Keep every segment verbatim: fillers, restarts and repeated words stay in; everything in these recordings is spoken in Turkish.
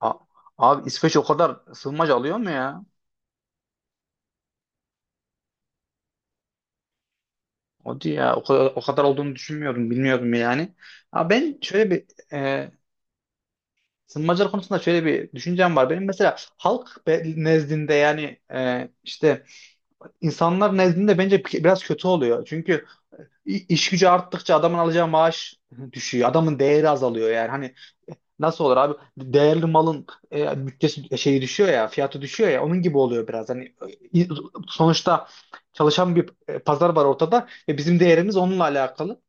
A- Abi İsveç o kadar sığınmacı alıyor mu ya? Hadi ya, o kadar, o kadar olduğunu düşünmüyordum, bilmiyordum yani. Ama ben şöyle bir e, sığınmacılar konusunda şöyle bir düşüncem var. Benim mesela halk be- nezdinde, yani e, işte insanlar nezdinde bence biraz kötü oluyor. Çünkü İ- gücü arttıkça adamın alacağı maaş düşüyor. Adamın değeri azalıyor yani. Hani, nasıl olur abi? Değerli malın e, bütçesi, şeyi düşüyor ya, fiyatı düşüyor ya. Onun gibi oluyor biraz. Hani, e, sonuçta çalışan bir e, pazar var ortada ve bizim değerimiz onunla alakalı.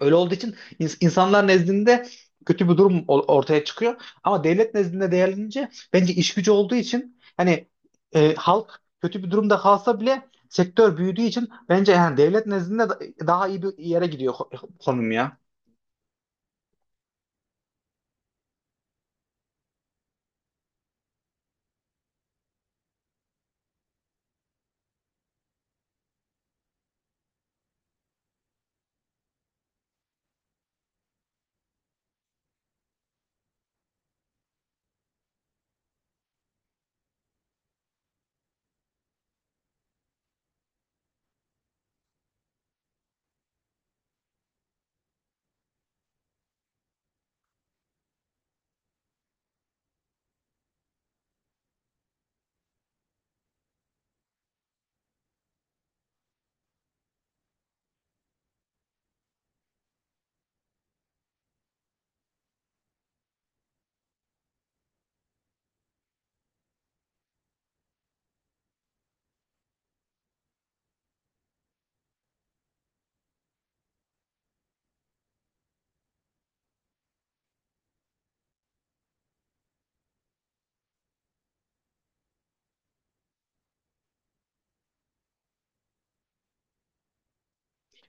Öyle olduğu için ins- insanlar nezdinde kötü bir durum o- ortaya çıkıyor. Ama devlet nezdinde değerlenince, bence iş gücü olduğu için, hani e, halk kötü bir durumda kalsa bile sektör büyüdüğü için bence yani devlet nezdinde da- daha iyi bir yere gidiyor ko- konum ya.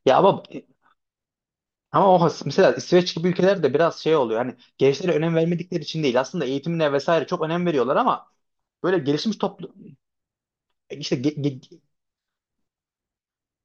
Ya ama Ama o has- mesela İsveç gibi ülkelerde biraz şey oluyor. Hani, gençlere önem vermedikleri için değil. Aslında eğitimine vesaire çok önem veriyorlar ama böyle gelişmiş toplum işte.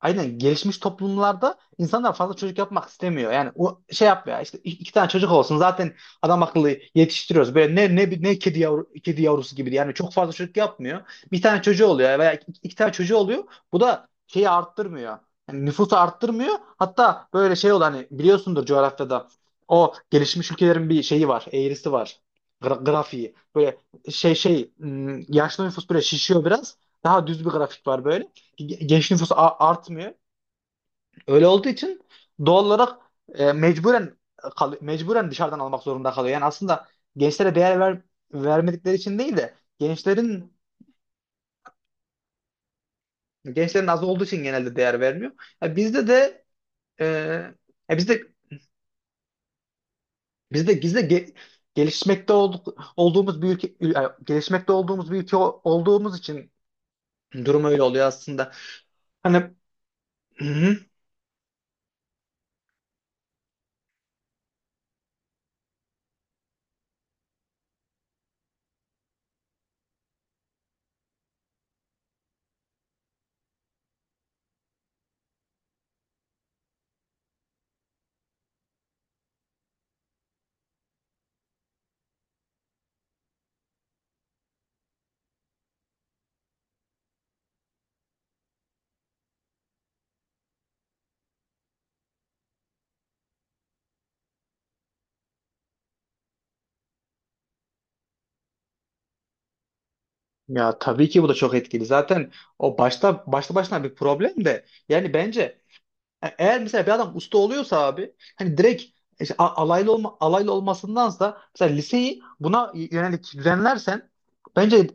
Aynen, gelişmiş toplumlarda insanlar fazla çocuk yapmak istemiyor. Yani o şey yap ya, işte i- iki tane çocuk olsun zaten, adam akıllı yetiştiriyoruz. Böyle ne ne ne kedi yavru kedi yavrusu gibi yani, çok fazla çocuk yapmıyor. Bir tane çocuğu oluyor veya iki, iki tane çocuğu oluyor. Bu da şeyi arttırmıyor. Yani nüfusu arttırmıyor. Hatta böyle şey olan, hani biliyorsundur, coğrafyada o gelişmiş ülkelerin bir şeyi var, eğrisi var. Gra- grafiği. Böyle şey şey ım, yaşlı nüfus böyle şişiyor biraz. Daha düz bir grafik var böyle, ge- genç nüfus a- artmıyor. Öyle olduğu için doğal olarak e, mecburen, kal- mecburen dışarıdan almak zorunda kalıyor. Yani aslında gençlere değer ver- vermedikleri için değil de gençlerin gençlerin az olduğu için genelde değer vermiyor. Ya bizde de e, ya bizde bizde bizde ge- gelişmekte olduk, olduğumuz bir ülke, yani gelişmekte olduğumuz bir ülke o- olduğumuz için durum öyle oluyor aslında. Hani. Ya tabii ki bu da çok etkili. Zaten o başta başta başına bir problem de yani bence. e- Eğer mesela bir adam usta oluyorsa abi, hani direkt işte a- alaylı olma, alaylı olmasındansa mesela liseyi buna yönelik düzenlersen bence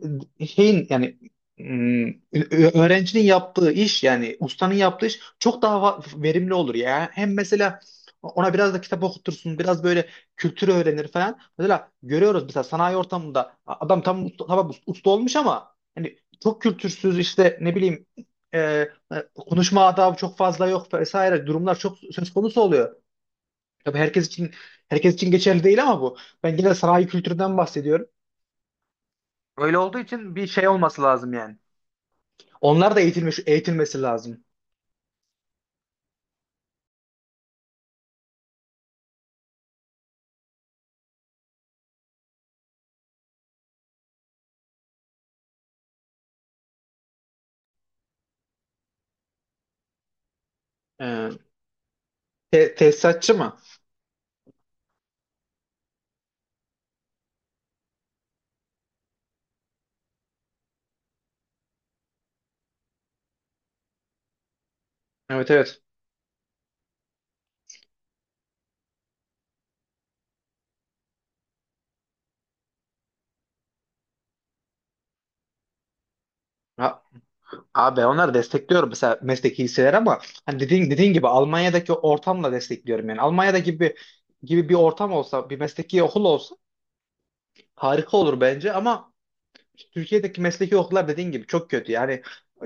şeyin, yani, mm, ö- öğrencinin yaptığı iş, yani ustanın yaptığı iş çok daha va- verimli olur ya. Hem mesela ona biraz da kitap okutursun, biraz böyle kültürü öğrenir falan. Mesela görüyoruz, mesela sanayi ortamında adam tam usta- tamam usta olmuş ama hani çok kültürsüz işte, ne bileyim, e, konuşma adabı çok fazla yok, vesaire durumlar çok söz konusu oluyor. Tabii herkes için herkes için geçerli değil ama bu. Ben yine sanayi kültüründen bahsediyorum. Öyle olduğu için bir şey olması lazım yani. Onlar da eğitilmiş eğitilmesi lazım. Ee, te- tesisatçı mı? Evet, evet. Ha- Abi, onları destekliyorum, mesela mesleki hisseler, ama hani dediğin dediğin gibi Almanya'daki ortamla destekliyorum yani. Almanya'da gibi gibi bir ortam olsa, bir mesleki okul olsa harika olur bence, ama Türkiye'deki mesleki okullar dediğin gibi çok kötü. Yani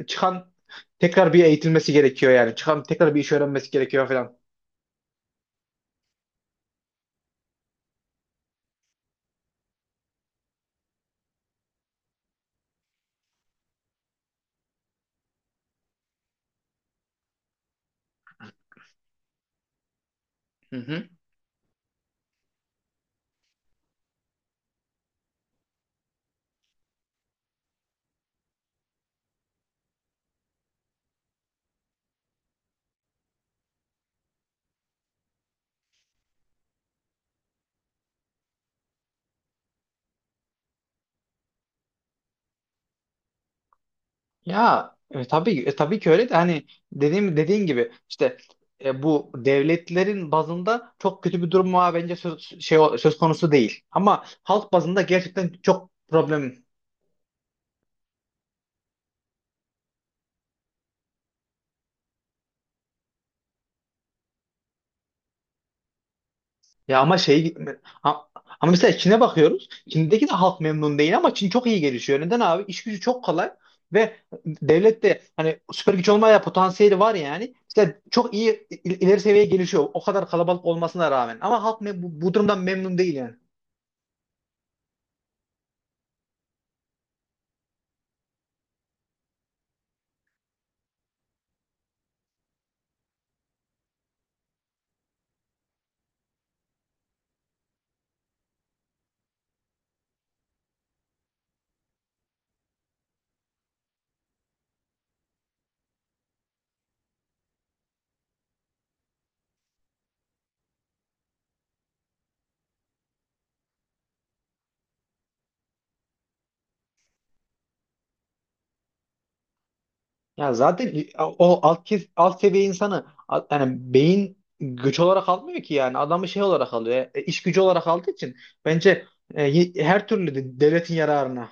çıkan tekrar bir eğitilmesi gerekiyor yani. Çıkan tekrar bir iş öğrenmesi gerekiyor falan. Hı hı. Ya, e, tabii e, tabii ki öyle de, hani dediğim dediğin gibi işte e, bu devletlerin bazında çok kötü bir durum var, bence söz şey söz konusu değil. Ama halk bazında gerçekten çok problem. Ya ama şey, a- ama mesela Çin'e bakıyoruz. Çin'deki de halk memnun değil ama Çin çok iyi gelişiyor. Neden abi? İş gücü çok kolay ve devlet de hani süper güç olmaya potansiyeli var yani. İşte çok iyi il- ileri seviyeye gelişiyor, o kadar kalabalık olmasına rağmen. Ama halk mem- bu, bu durumdan memnun değil yani. Ya zaten o alt kes- alt seviye insanı a- yani beyin güç olarak almıyor ki yani. Adamı şey olarak alıyor. e, iş gücü olarak aldığı için bence e, y- her türlü de- devletin yararına.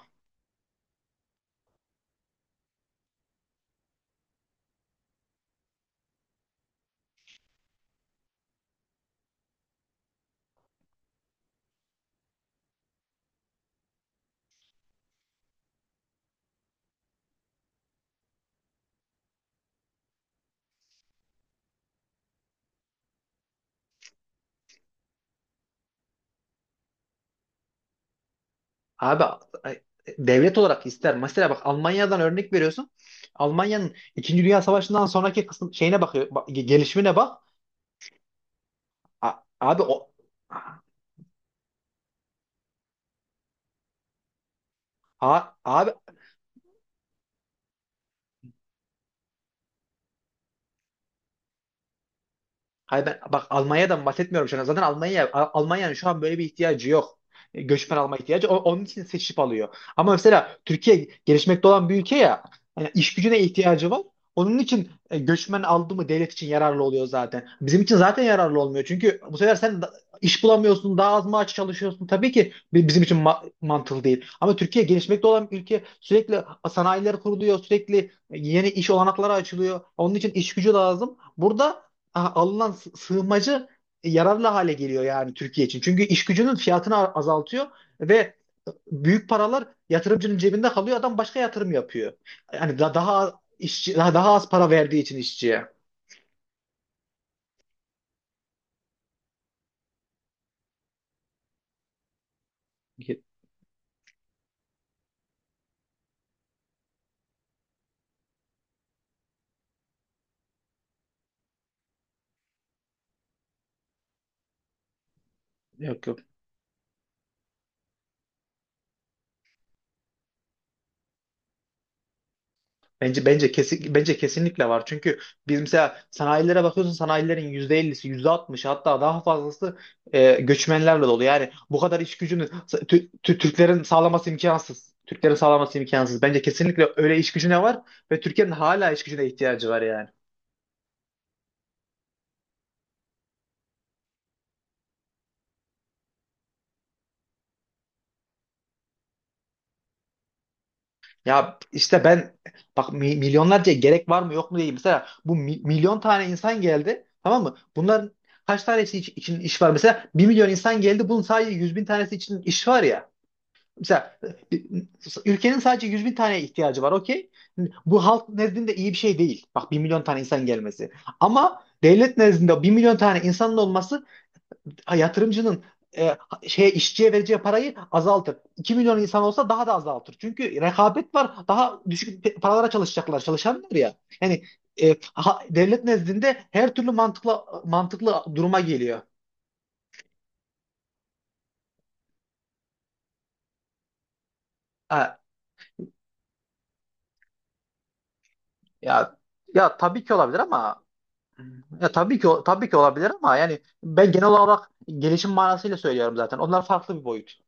Abi ay, devlet olarak ister. Mesela bak, Almanya'dan örnek veriyorsun. Almanya'nın İkinci Dünya Savaşı'ndan sonraki kısım şeyine bakıyor. Bak, gelişimine bak. A- abi o a- abi Hayır, ben bak Almanya'dan bahsetmiyorum şu an. Zaten Almanya, A- Almanya'nın şu an böyle bir ihtiyacı yok. E, Göçmen alma ihtiyacı. O- onun için seçip alıyor. Ama mesela Türkiye gelişmekte olan bir ülke ya. Yani iş gücüne ihtiyacı var. Onun için e, göçmen aldı mı devlet için yararlı oluyor zaten. Bizim için zaten yararlı olmuyor. Çünkü bu sefer sen da- iş bulamıyorsun, daha az maaş çalışıyorsun. Tabii ki bi- bizim için ma- mantıklı değil. Ama Türkiye gelişmekte olan bir ülke, sürekli sanayiler kuruluyor, sürekli e, yeni iş olanakları açılıyor. Onun için iş gücü lazım. Burada a- alınan sı- sığınmacı e, yararlı hale geliyor yani Türkiye için. Çünkü iş gücünün fiyatını a- azaltıyor ve e, büyük paralar yatırımcının cebinde kalıyor. Adam başka yatırım yapıyor. Yani da- daha az işçi, daha, daha az para verdiği için işçiye. Yok, yok. Bence bence kesin bence kesinlikle var. Çünkü biz mesela sanayilere bakıyorsun, sanayilerin yüzde ellisi, yüzde %60'ı, hatta daha fazlası e, göçmenlerle dolu. Yani bu kadar iş gücünü Tü- Tü- Türklerin sağlaması imkansız. Türklerin sağlaması imkansız. Bence kesinlikle öyle iş gücüne var ve Türkiye'nin hala iş gücüne ihtiyacı var yani. Ya işte ben, bak, mi- milyonlarca gerek var mı yok mu değil. Mesela bu mi- milyon tane insan geldi, tamam mı? Bunların kaç tanesi iç- için iş var? Mesela bir milyon insan geldi, bunun sadece yüz bin tanesi için iş var ya. Mesela, e, ülkenin sadece yüz bin tane ihtiyacı var, okey. Bu halk nezdinde iyi bir şey değil, bak, bir milyon tane insan gelmesi. Ama devlet nezdinde bir milyon tane insanın olması, yatırımcının e, şeye işçiye vereceği parayı azaltır. iki milyon insan olsa daha da azaltır. Çünkü rekabet var. Daha düşük pe- paralara çalışacaklar, çalışanlar ya. Yani e, ha- devlet nezdinde her türlü mantıklı mantıklı duruma geliyor. Ha, ya ya tabii ki olabilir ama. Ya tabii ki o- tabii ki olabilir ama yani ben genel olarak gelişim manasıyla söylüyorum zaten. Onlar farklı bir boyut.